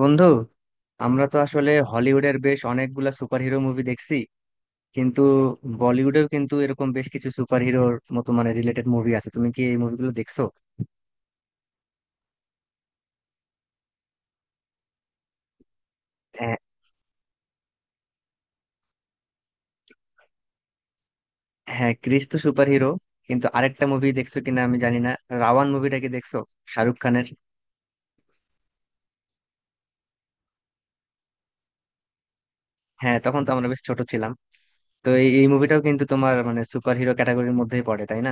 বন্ধু, আমরা তো আসলে হলিউডের বেশ অনেকগুলা সুপারহিরো মুভি দেখছি। কিন্তু বলিউডেও কিন্তু এরকম বেশ কিছু সুপারহিরোর মতো মানে রিলেটেড মুভি আছে। তুমি কি এই মুভিগুলো দেখছো? হ্যাঁ, হ্যাঁ, ক্রিস তো সুপারহিরো। কিন্তু আরেকটা মুভি দেখছো কিনা আমি জানি না। রাওয়ান মুভিটা কি দেখছো? শাহরুখ খানের। হ্যাঁ, তখন তো আমরা বেশ ছোট ছিলাম। তো এই এই মুভিটাও কিন্তু তোমার মানে সুপারহিরো ক্যাটাগরির মধ্যেই পড়ে, তাই না?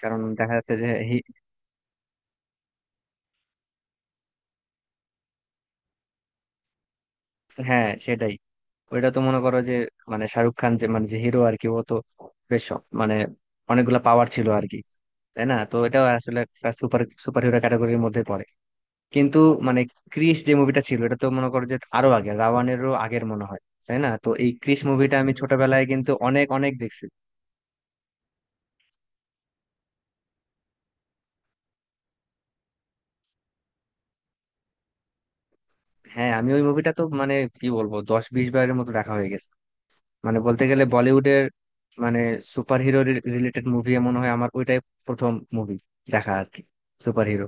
কারণ দেখা যাচ্ছে যে হ্যাঁ সেটাই। ওইটা তো মনে করো যে, মানে শাহরুখ খান যে মানে যে হিরো আর কি, ও তো বেশ মানে অনেকগুলা পাওয়ার ছিল আর কি। তাই না, তো এটাও আসলে একটা সুপার সুপার হিরো ক্যাটাগরির মধ্যে পড়ে। কিন্তু মানে ক্রিস যে মুভিটা ছিল এটা তো মনে করো যে আরো আগে, রাওয়ানেরও আগের মনে হয়, তাই না? তো এই ক্রিস মুভিটা আমি ছোটবেলায় কিন্তু অনেক অনেক দেখছি। হ্যাঁ, আমি ওই মুভিটা তো মানে কি বলবো, 10-20 বারের মতো দেখা হয়ে গেছে। মানে বলতে গেলে বলিউডের মানে সুপার হিরো রিলেটেড মুভি মনে হয় আমার ওইটাই প্রথম মুভি দেখা আর কি, সুপার হিরো।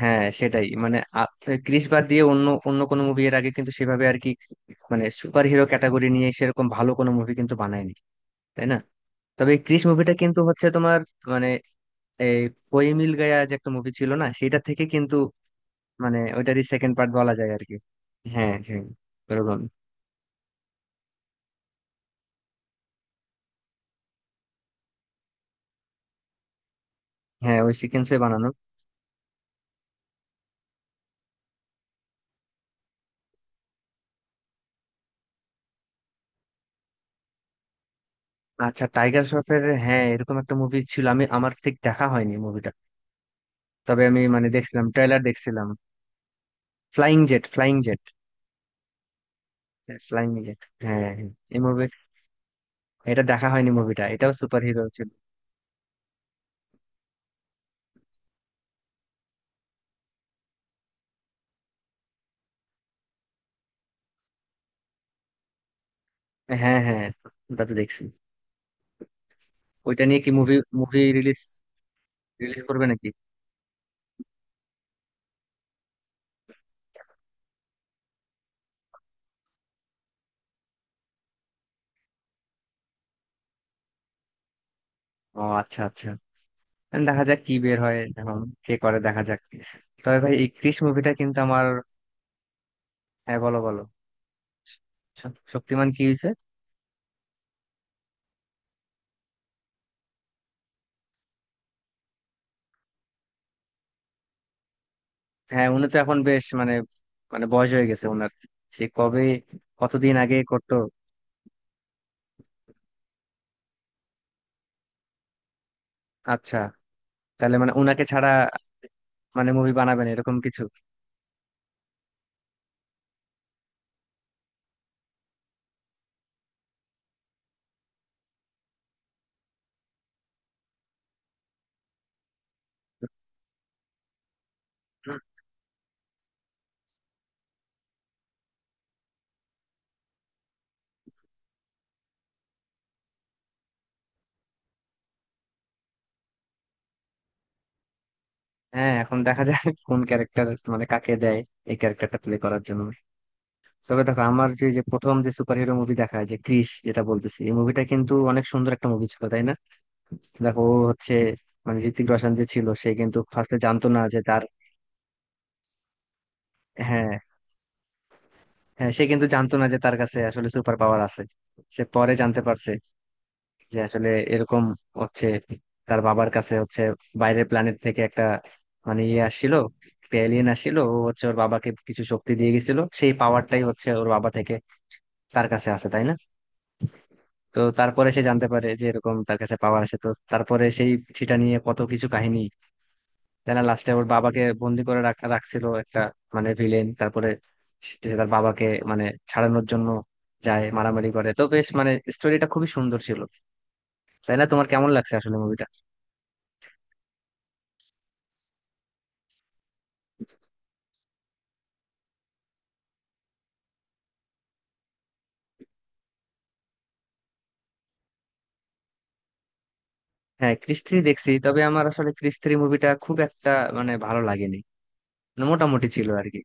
হ্যাঁ সেটাই মানে ক্রিস বাদ দিয়ে অন্য অন্য কোনো মুভি এর আগে কিন্তু সেভাবে আর কি, মানে সুপার হিরো ক্যাটাগরি নিয়ে সেরকম ভালো কোনো মুভি কিন্তু বানায়নি, তাই না? তবে এই ক্রিস মুভিটা কিন্তু হচ্ছে তোমার মানে এই কোই মিল গায়া যে একটা মুভি ছিল না, সেটা থেকে কিন্তু মানে ওইটারই সেকেন্ড পার্ট বলা যায় আর কি। হ্যাঁ, হ্যাঁ, এরকম। হ্যাঁ, ওই সিকোয়েন্সে বানানো। আচ্ছা, টাইগার শ্রফের হ্যাঁ এরকম একটা মুভি ছিল, আমার ঠিক দেখা হয়নি মুভিটা। তবে আমি মানে দেখছিলাম, ট্রেলার দেখছিলাম। Flying jet flying jet flying jet. হ্যাঁ, হ্যাঁ। এই মুভি এটা দেখা হয়নি মুভিটা, এটাও সুপার হিরো ছিল। হ্যাঁ, হ্যাঁ, ওটা তো দেখছি। ওইটা নিয়ে কি মুভি মুভি রিলিজ, রিলিজ করবে নাকি? ও আচ্ছা, আচ্ছা, এখন দেখা যাক কি বের হয় এখন, কে করে দেখা যাক। তবে ভাই এই ক্রিশ মুভিটা কিন্তু আমার। হ্যাঁ, বলো বলো। শক্তিমান কি হয়েছে? হ্যাঁ, উনি তো এখন বেশ মানে মানে বয়স হয়ে গেছে ওনার। সে কবে, কতদিন আগে করতো। আচ্ছা, তাহলে মানে উনাকে ছাড়া মানে মুভি বানাবেন এরকম কিছু? হ্যাঁ, এখন দেখা যায় কোন ক্যারেক্টার, মানে কাকে দেয় এই ক্যারেক্টারটা প্লে করার জন্য। তবে দেখো আমার যে যে প্রথম যে সুপার হিরো মুভি দেখা হয় যে ক্রিস, যেটা বলতেছি, এই মুভিটা কিন্তু অনেক সুন্দর একটা মুভি ছিল, তাই না? দেখো ও হচ্ছে মানে ঋতিক রোশন যে ছিল, সে কিন্তু ফার্স্টে জানতো না যে তার। হ্যাঁ, হ্যাঁ, সে কিন্তু জানতো না যে তার কাছে আসলে সুপার পাওয়ার আছে। সে পরে জানতে পারছে যে আসলে এরকম হচ্ছে, তার বাবার কাছে হচ্ছে বাইরের প্ল্যানেট থেকে একটা মানে ইয়ে আসছিল, এলিয়েন আসছিল। ও হচ্ছে ওর বাবাকে কিছু শক্তি দিয়ে গেছিল, সেই পাওয়ারটাই হচ্ছে ওর বাবা থেকে তার কাছে আসে, তাই না? তো তারপরে সে জানতে পারে যে এরকম তার কাছে পাওয়ার আছে, তো তারপরে সেই সেটা নিয়ে কত কিছু কাহিনী, তাই না। লাস্টে ওর বাবাকে বন্দি করে রাখছিল একটা মানে ভিলেন, তারপরে সে সে তার বাবাকে মানে ছাড়ানোর জন্য যায়, মারামারি করে। তো বেশ মানে স্টোরিটা খুবই সুন্দর ছিল, তাই না? তোমার কেমন লাগছে আসলে মুভিটা? হ্যাঁ, ক্রিস 3 দেখছি, তবে আমার আসলে ক্রিস 3 মুভিটা খুব একটা মানে ভালো লাগেনি, মানে মোটামুটি ছিল আর কি।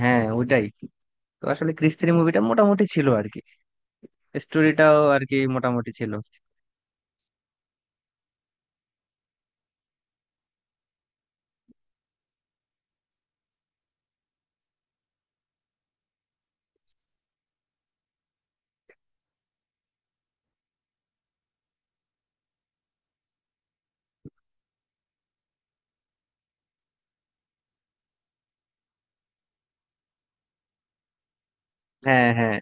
হ্যাঁ ওইটাই, তো আসলে ক্রিস 3 মুভিটা মোটামুটি ছিল আর কি, স্টোরিটাও আর কি মোটামুটি ছিল। হ্যাঁ, হ্যাঁ,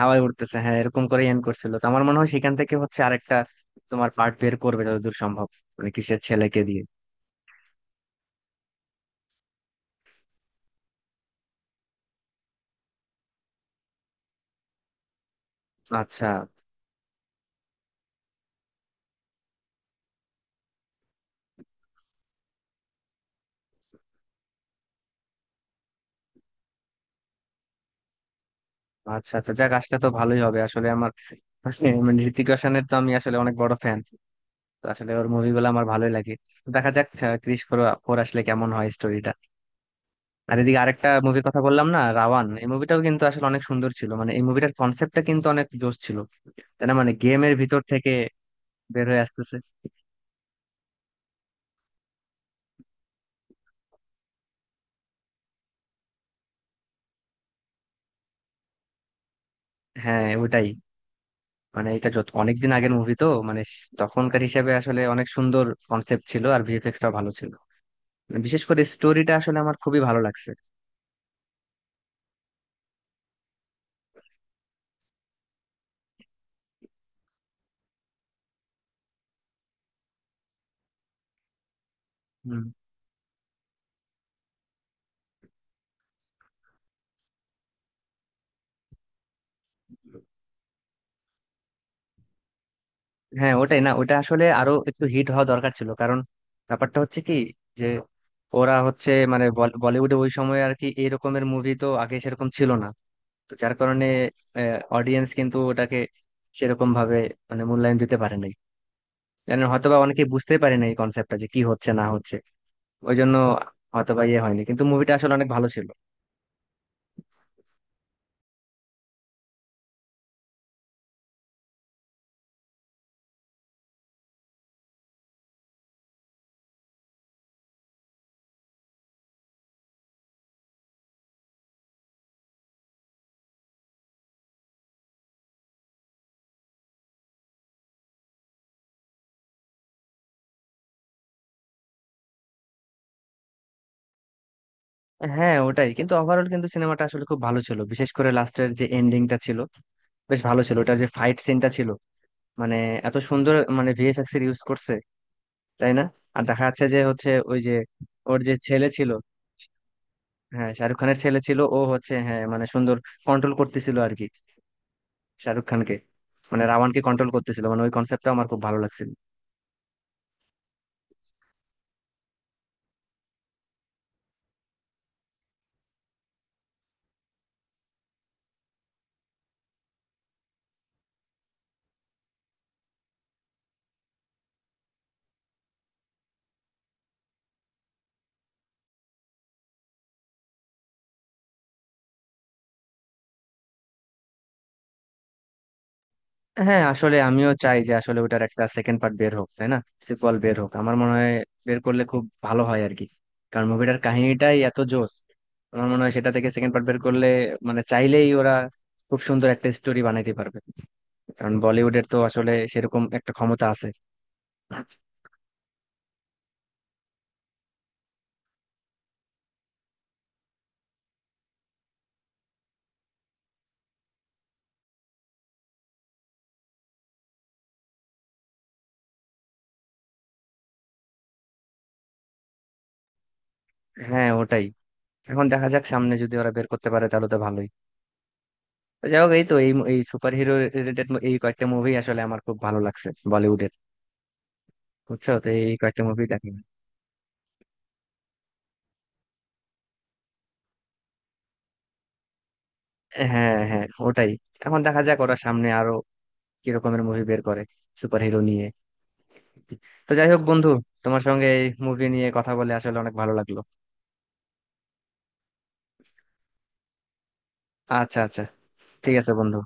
হাওয়ায় উঠতেছে, হ্যাঁ এরকম করে এন্ড করছিল। তো আমার মনে হয় সেখান থেকে হচ্ছে আরেকটা তোমার পার্ট বের করবে যতদূর সম্ভব, মানে কিসের ছেলেকে দিয়ে। আচ্ছা, আচ্ছা, আচ্ছা, যাক আসলে তো ভালোই হবে আসলে। আমার মানে ঋতিক রোশনের তো আমি আসলে অনেক বড় ফ্যান, তো আসলে ওর মুভিগুলো আমার ভালোই লাগে। তো দেখা যাক ক্রিশ ফোর ফোর আসলে কেমন হয় স্টোরিটা। আর এদিকে আরেকটা মুভির কথা বললাম না, রাওয়ান, এই মুভিটাও কিন্তু আসলে অনেক সুন্দর ছিল। মানে এই মুভিটার কনসেপ্টটা কিন্তু অনেক জোশ ছিল, তাই না? মানে গেমের ভিতর থেকে বের হয়ে আসতেছে। হ্যাঁ, ওটাই মানে এটা যত অনেকদিন আগের মুভি, তো মানে তখনকার হিসাবে আসলে অনেক সুন্দর কনসেপ্ট ছিল, আর ভিএফএক্স টাও ভালো ছিল। মানে বিশেষ করে স্টোরিটা আসলে আমার খুবই ভালো লাগছে। হ্যাঁ, ওটাই না, ওটা আসলে আরো একটু হিট হওয়া দরকার ছিল। কারণ ব্যাপারটা হচ্ছে কি, যে ওরা হচ্ছে মানে বলিউডে ওই সময় আর কি এরকমের মুভি তো আগে সেরকম ছিল না। তো যার কারণে অডিয়েন্স কিন্তু ওটাকে সেরকম ভাবে মানে মূল্যায়ন দিতে পারে নাই। জানেন হয়তোবা অনেকে বুঝতে পারে না এই কনসেপ্টটা যে কি হচ্ছে না হচ্ছে। ওই জন্য হয়তোবা ইয়ে হয়নি, কিন্তু মুভিটা আসলে অনেক ভালো ছিল। হ্যাঁ ওটাই, কিন্তু ওভারঅল কিন্তু সিনেমাটা আসলে খুব ভালো ছিল। বিশেষ করে লাস্টের যে এন্ডিংটা ছিল বেশ ভালো ছিল, ওটা যে ফাইট সিনটা ছিল মানে এত সুন্দর মানে ভিএফএক্স এর ইউজ করছে, তাই না? আর দেখা যাচ্ছে যে হচ্ছে ওই যে ওর যে ছেলে ছিল। হ্যাঁ, শাহরুখ খানের ছেলে ছিল, ও হচ্ছে হ্যাঁ মানে সুন্দর কন্ট্রোল করতেছিল আর কি, শাহরুখ খানকে মানে রাওয়ানকে কন্ট্রোল করতেছিল। মানে ওই কনসেপ্টটা আমার খুব ভালো লাগছিল। হ্যাঁ, আসলে আমিও চাই যে আসলে ওটার একটা সেকেন্ড পার্ট বের হোক, তাই না। সিকুয়াল বের হোক, আমার মনে হয় বের করলে খুব ভালো হয় আর কি। কারণ মুভিটার কাহিনীটাই এত জোস, আমার মনে হয় সেটা থেকে সেকেন্ড পার্ট বের করলে মানে চাইলেই ওরা খুব সুন্দর একটা স্টোরি বানাইতে পারবে। কারণ বলিউডের তো আসলে সেরকম একটা ক্ষমতা আছে। হ্যাঁ ওটাই, এখন দেখা যাক সামনে যদি ওরা বের করতে পারে তাহলে তো ভালোই। তো যাই হোক এই তো এই এই সুপার হিরো রিলেটেড এই কয়েকটা মুভি আসলে আমার খুব ভালো লাগছে বলিউডের। বুঝছো, তো এই কয়েকটা মুভি দেখা। হ্যাঁ, হ্যাঁ, ওটাই, এখন দেখা যাক ওরা সামনে আরো কি রকমের মুভি বের করে সুপার হিরো নিয়ে। তো যাই হোক বন্ধু, তোমার সঙ্গে এই মুভি নিয়ে কথা বলে আসলে অনেক ভালো লাগলো। আচ্ছা, আচ্ছা, ঠিক আছে বন্ধু।